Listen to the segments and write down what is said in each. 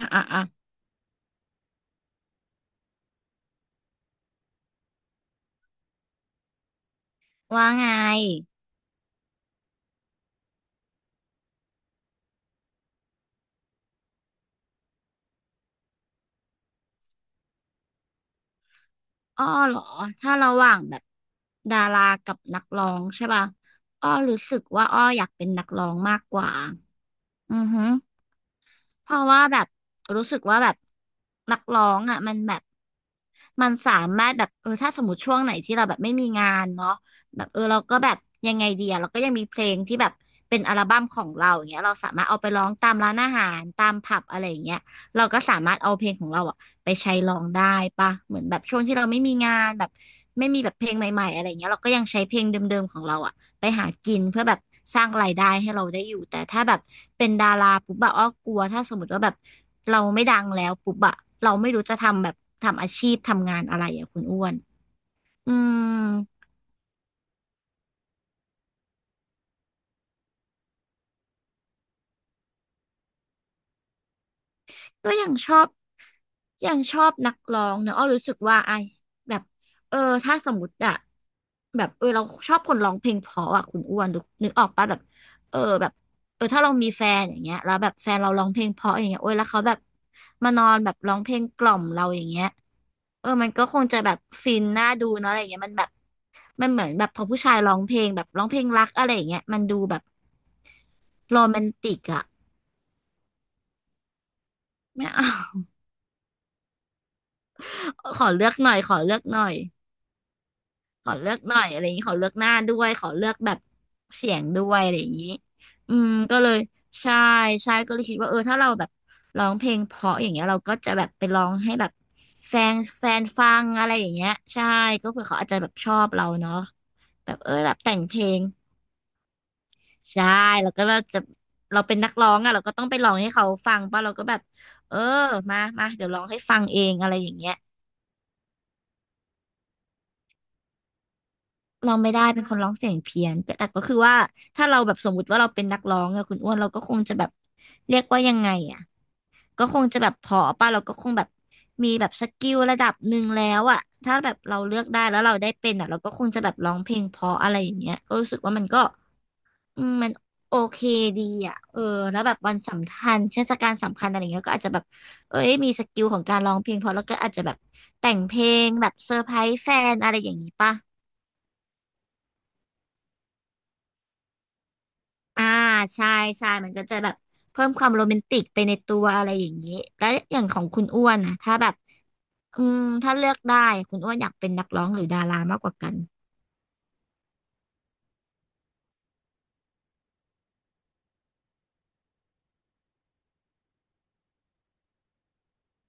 อ่ะอ่ะอ่ะว่าไงอ้อเหรอถ้าระหว่างแบบดารากับนักร้องใช่ป่ะอ้อรู้สึกว่าอ้ออยากเป็นนักร้องมากกว่าอือฮึ เพราะว่าแบบรู้สึกว่าแบบนักร้องอ่ะมันแบบมันสามารถแบบเออถ้าสมมติช่วงไหนที่เราแบบไม่มีงานเนาะแบบเออเราก็แบบยังไงดีอะเราก็ยังมีเพลงที่แบบเป็นอัลบั้มของเราอย่างเงี้ยเราสามารถเอาไปร้องตามร้านอาหารตามผับอะไรอย่างเงี้ยเราก็สามารถเอาเพลงของเราอ่ะไปใช้ร้องได้ปะเหมือนแบบช่วงที่เราไม่มีงานแบบไม่มีแบบเพลงใหม่ๆอะไรอย่างเงี้ยเราก็ยังใช้เพลงเดิมๆของเราอะ ไปหากินเพื่อแบบสร้างรายได้ให้เราได้อยู่แต่ถ้าแบบเป็นดาราปุ๊บอะอ้อกลัวถ้าสมมติว่าแบบเราไม่ดังแล้วปุ๊บอะเราไม่รู้จะทำแบบทำอาชีพทำงานอะไรอะคุณอ้วนอืม ก็ยังชอบยังชอบนักร้องเนอะอ้อรู้สึกว่าไอแบบเออถ้าสมมติอะแบบเออเราชอบคนร้องเพลงเพราะอะคุณอ้วนรู้นึกออกปะแบบเออแบบเออถ้าเรามีแฟนอย่างเงี้ยแล้วแบบแฟนเราร้องเพลงเพราะอย่างเงี้ยโอ้ยแล้วเขาแบบมานอนแบบร้องเพลงกล่อมเราอย่างเงี้ยเออมันก็คงจะแบบฟินน่าดูเนอะอะไรอย่างเงี้ยมันแบบมันเหมือนแบบพอผู้ชายร้องเพลงแบบร้องเพลงรักอะไรอย่างเงี้ยมันดูแบบโรแมนติกอะไม่เอา ขอเลือกหน่อยขอเลือกหน่อยขอเลือกหน่อยอะไรอย่างนี้ขอเลือกหน้าด้วยขอเลือกแบบเสียงด้วยอะไรอย่างนี้อืมก็เลยใช่ใช่ก็เลยคิดว่าเออถ้าเราแบบร้องเพลงเพราะอย่างเงี้ยเราก็จะแบบไปร้องให้แบบแฟนแฟนฟังอะไรอย่างเงี้ยใช่ก็เผื่อเขาอาจจะแบบชอบเราเนาะแบบเออแบบแต่งเพลงใช่แล้วก็เราจะเราเป็นนักร้องอะเราก็ต้องไปร้องให้เขาฟังป่ะเราก็แบบเออมามาเดี๋ยวร้องให้ฟังเองอะไรอย่างเงี้ย ร้องไม่ได้เป็นคนร้องเสียงเพี้ยนแต่แต่ก็คือว่าถ้าเราแบบสมมุติว่าเราเป็นนักร้องอะคุณอ้วนเราก็คงจะแบบเรียกว่ายังไงอะก็คงจะแบบพอป่ะเราก็คงแบบมีแบบสกิลระดับหนึ่งแล้วอะถ้าแบบเราเลือกได้แล้วเราได้เป็นอะเราก็คงจะแบบร้องเพลงเพราะอะไรอย่างเงี้ยก็รู้สึกว่ามันก็อืมมันโอเคดีอะเออแล้วแบบวันสำคัญเทศกาลสำคัญอะไรเงี้ยก็อาจจะแบบเอ้ยมีสกิลของการร้องเพลงพอแล้วก็อาจจะแบบแต่งเพลงแบบเซอร์ไพรส์แฟนอะไรอย่างนี้ป่ะ อ่าใช่ใช่มันก็จะแบบเพิ่มความโรแมนติกไปในตัวอะไรอย่างนี้แล้วอย่างของคุณอ้วนนะถ้าแบบอืมถ้าเลือกได้คุณอ้วนอยากเป็นนักร้องหรือดารามากกว่ากัน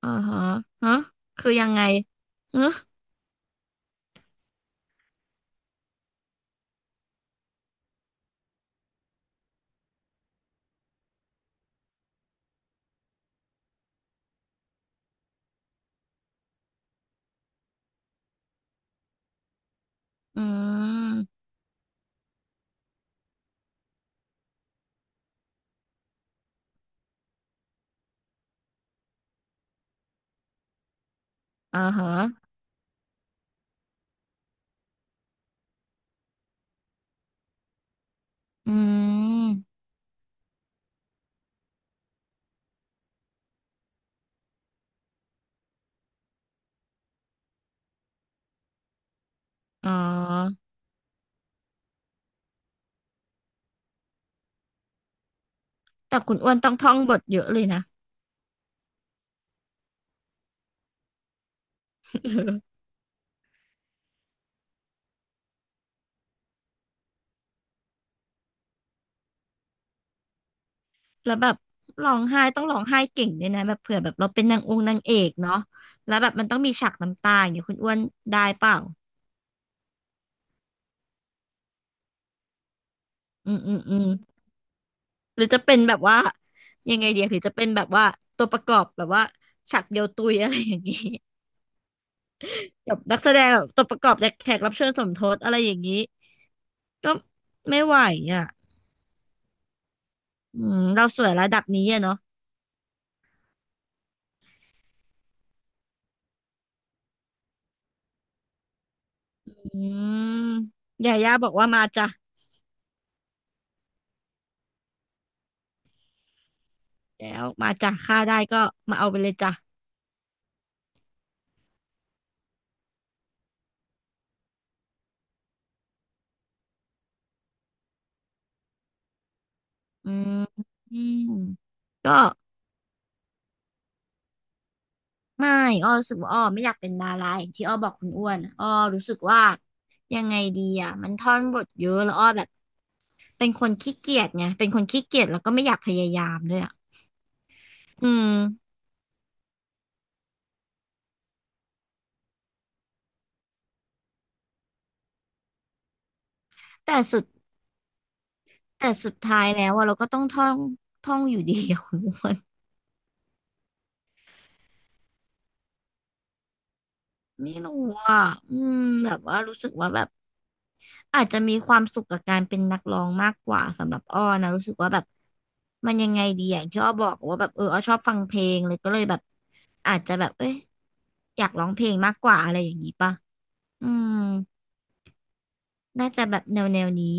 อ่าฮะฮะคือยังไงฮะอืมอ่าฮะอืมอ๋อแต่คุณอ้วนต้องท่องบทเยอะเลยนะ แล้วแบบร้องไห้ต้องร้องไห้เก่งด้วยนะแบบเผื่อแบบเราเป็นนางองค์นางเอกเนาะแล้วแบบมันต้องมีฉากน้ำตาอย่างเงี้ยคุณอ้วนได้เปล่าอืมอืมอืม หรือจะเป็นแบบว่ายังไงเดียหรือจะเป็นแบบว่าตัวประกอบแบบว่าฉากเดียวตุย อะไรอย่างนี้ แบบนักแสดงแบบตัวประกอบและแขกรับเชิญสมทบอะไรอย่างนี้ก็ไม่ไหวอ่ะอืมเราสวยระดับนี้อะเนาะอืมยาย่าบอกว่ามาจ้ะแล้วมาจ้ะค่าได้ก็มาเอาไปเลยจ้ะอืมอืมก็ไม่อ้อรู้สึกว่าอ้อไม่อยากเป็นดาราอย่างที่อ้อบอกคุณอ้วนอ้อรู้สึกว่ายังไงดีอ่ะมันท่อนบทเยอะแล้วอ้อแบบ เป็นคนขี้เกียจไงเป็นคนขี้เกียจแล้วก็ไม่อยากพยายามด้วยอ่ะอืมแต่สุดแต่สุดท้ายแล้วอะเราก็ต้องท่องอยู่ดีอะคุณอ้วนไม่รู้อ่ะอืมแบบว่ารู้สึกว่าแบบอาจจะมีความสุขกับการเป็นนักร้องมากกว่าสำหรับอ้อนะรู้สึกว่าแบบมันยังไงดีอย่างที่อ้อบอกว่าแบบเอออ้อชอบฟังเพลงเลยก็เลยแบบอาจจะแบบเอ้ยอยากร้องเพลงมากกว่าอะไรอย่างนี้ป่ะอืมน่าจะแบบแนวนี้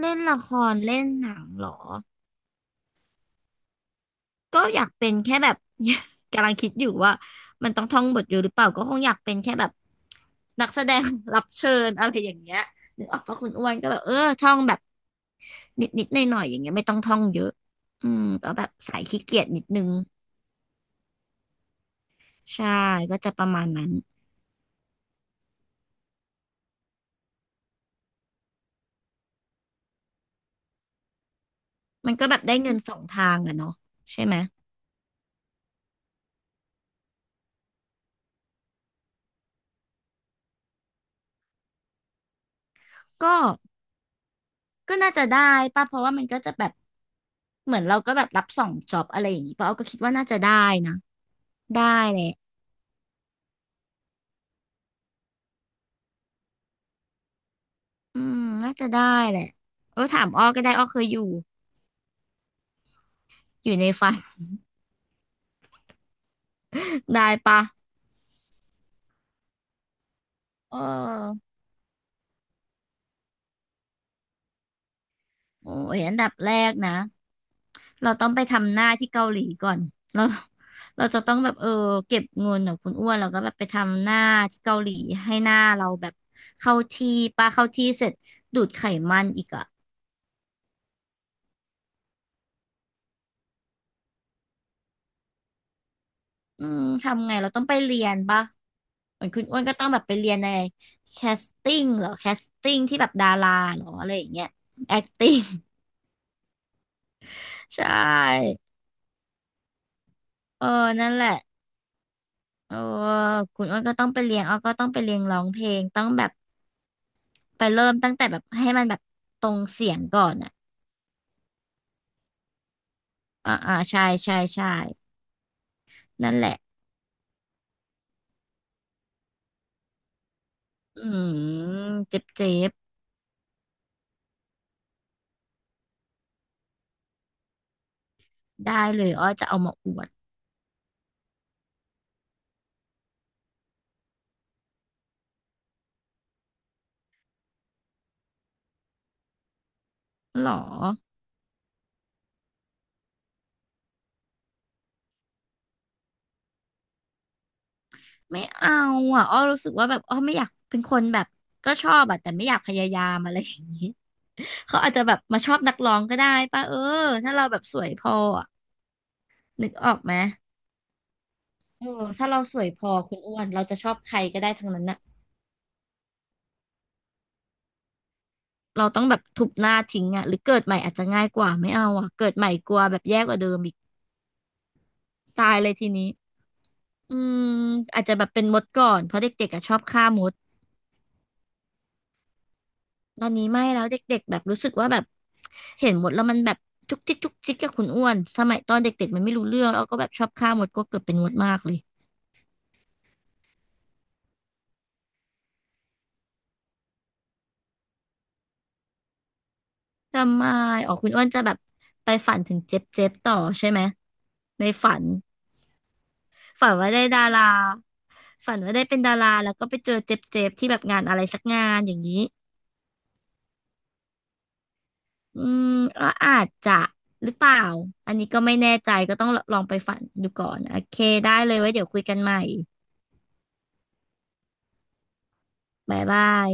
เล่นละครเล่นหนังเหรอ ก็อยากเป็นแค่แบบ กำลังคิดอยู่ว่ามันต้องท่องบทอยู่หรือเปล่าก็คงอยากเป็นแค่แบบนักแสดง รับเชิญอะไรอย่างเงี้ยนึกออกปะคุณอ้วนก็แบบท่องแบบนิดนิดหน่อยหน่อยๆอย่างเงี้ยไม่ต้องท่องเยอะอืมก็แบบสายขี้เกียจนิดนึงใช่ก็จะประมาณนั้นมันก็แบบได้เงินสองทางอะเนาะใช่ไหมก็ก็น่าจะได้ป่ะเพราะว่ามันก็จะแบบเหมือนเราก็แบบรับสองจ็อบอะไรอย่างงี้ป่ะเอาก็คิดว่าน่าจะได้นะได้แหละ อืมน่าจะได้แหละเออถามอ้อก็ได้อ้อเคยอยู่อยู่ในฝัน ได้ปะเออโอ้ยอันดับแรกนะเราต้องไปทำหน้าที่เกาหลีก่อนเราเราจะต้องแบบเก็บเงินของคุณอ้วนแล้วก็แบบไปทำหน้าที่เกาหลีให้หน้าเราแบบเข้าที่ปะเข้าที่เสร็จดูดไขมันอีกอ่ะอืมทำไงเราต้องไปเรียนปะเหมือนคุณอ้วนก็ต้องแบบไปเรียนในแคสติ้งเหรอแคสติ้งที่แบบดาราเหรออะไรอย่างเงี้ย acting ใช่เออนั่นแหละเออคุณอ้นก็ต้องไปเรียนอ้อก็ต้องไปเรียนร้องเพลงต้องแบบไปเริ่มตั้งแต่แบบให้มันแบบตรงเสียงก่อนอ่ะอ่าใช่ใช่ใช่นั่นแหละอืมเจ็บเจ็บได้เลยอ้อจะเอามาอวดหรอ ไม่เอาอ่ะอ้อรู้สึกว่าแบบอ้อไม่อยากเป็นคนแบบก็ชอบอ่ะแต่ไม่อยากพยายามอะไรอย่างนี้ เขาอาจจะแบบมาชอบนักร้องก็ได้ป่ะเออถ้าเราแบบสวยพออะนึกออกไหม เออถ้าเราสวยพอคุณอ้วนเราจะชอบใครก็ได้ทั้งนั้นน่ะเราต้องแบบทุบหน้าทิ้งอ่ะหรือเกิดใหม่อาจจะง่ายกว่าไม่เอาอ่ะเกิดใหม่กลัวแบบแย่กว่าเดิมอีกตายเลยทีนี้อืมอาจจะแบบเป็นมดก่อนเพราะเด็กๆอ่ะชอบฆ่ามดตอนนี้ไม่แล้วเด็กๆแบบรู้สึกว่าแบบเห็นมดแล้วมันแบบจุกจิกจุกจิกกับคุณอ้วนสมัยตอนเด็กๆมันไม่รู้เรื่องแล้วก็แบบชอบฆ่ามดก็เกิดเป็นมดมากเลยทำไมอ๋อคุณอ้วนจะแบบไปฝันถึงเจ็บๆต่อใช่ไหมในฝัน ฝันว่าได้ดาราฝันว่าได้เป็นดาราแล้วก็ไปเจอเจ็บๆที่แบบงานอะไรสักงานอย่างนี้อืมก็อาจจะหรือเปล่าอันนี้ก็ไม่แน่ใจก็ต้องลองไปฝันดูก่อนโอเคได้เลยไว้เดี๋ยวคุยกันใหม่บ๊ายบาย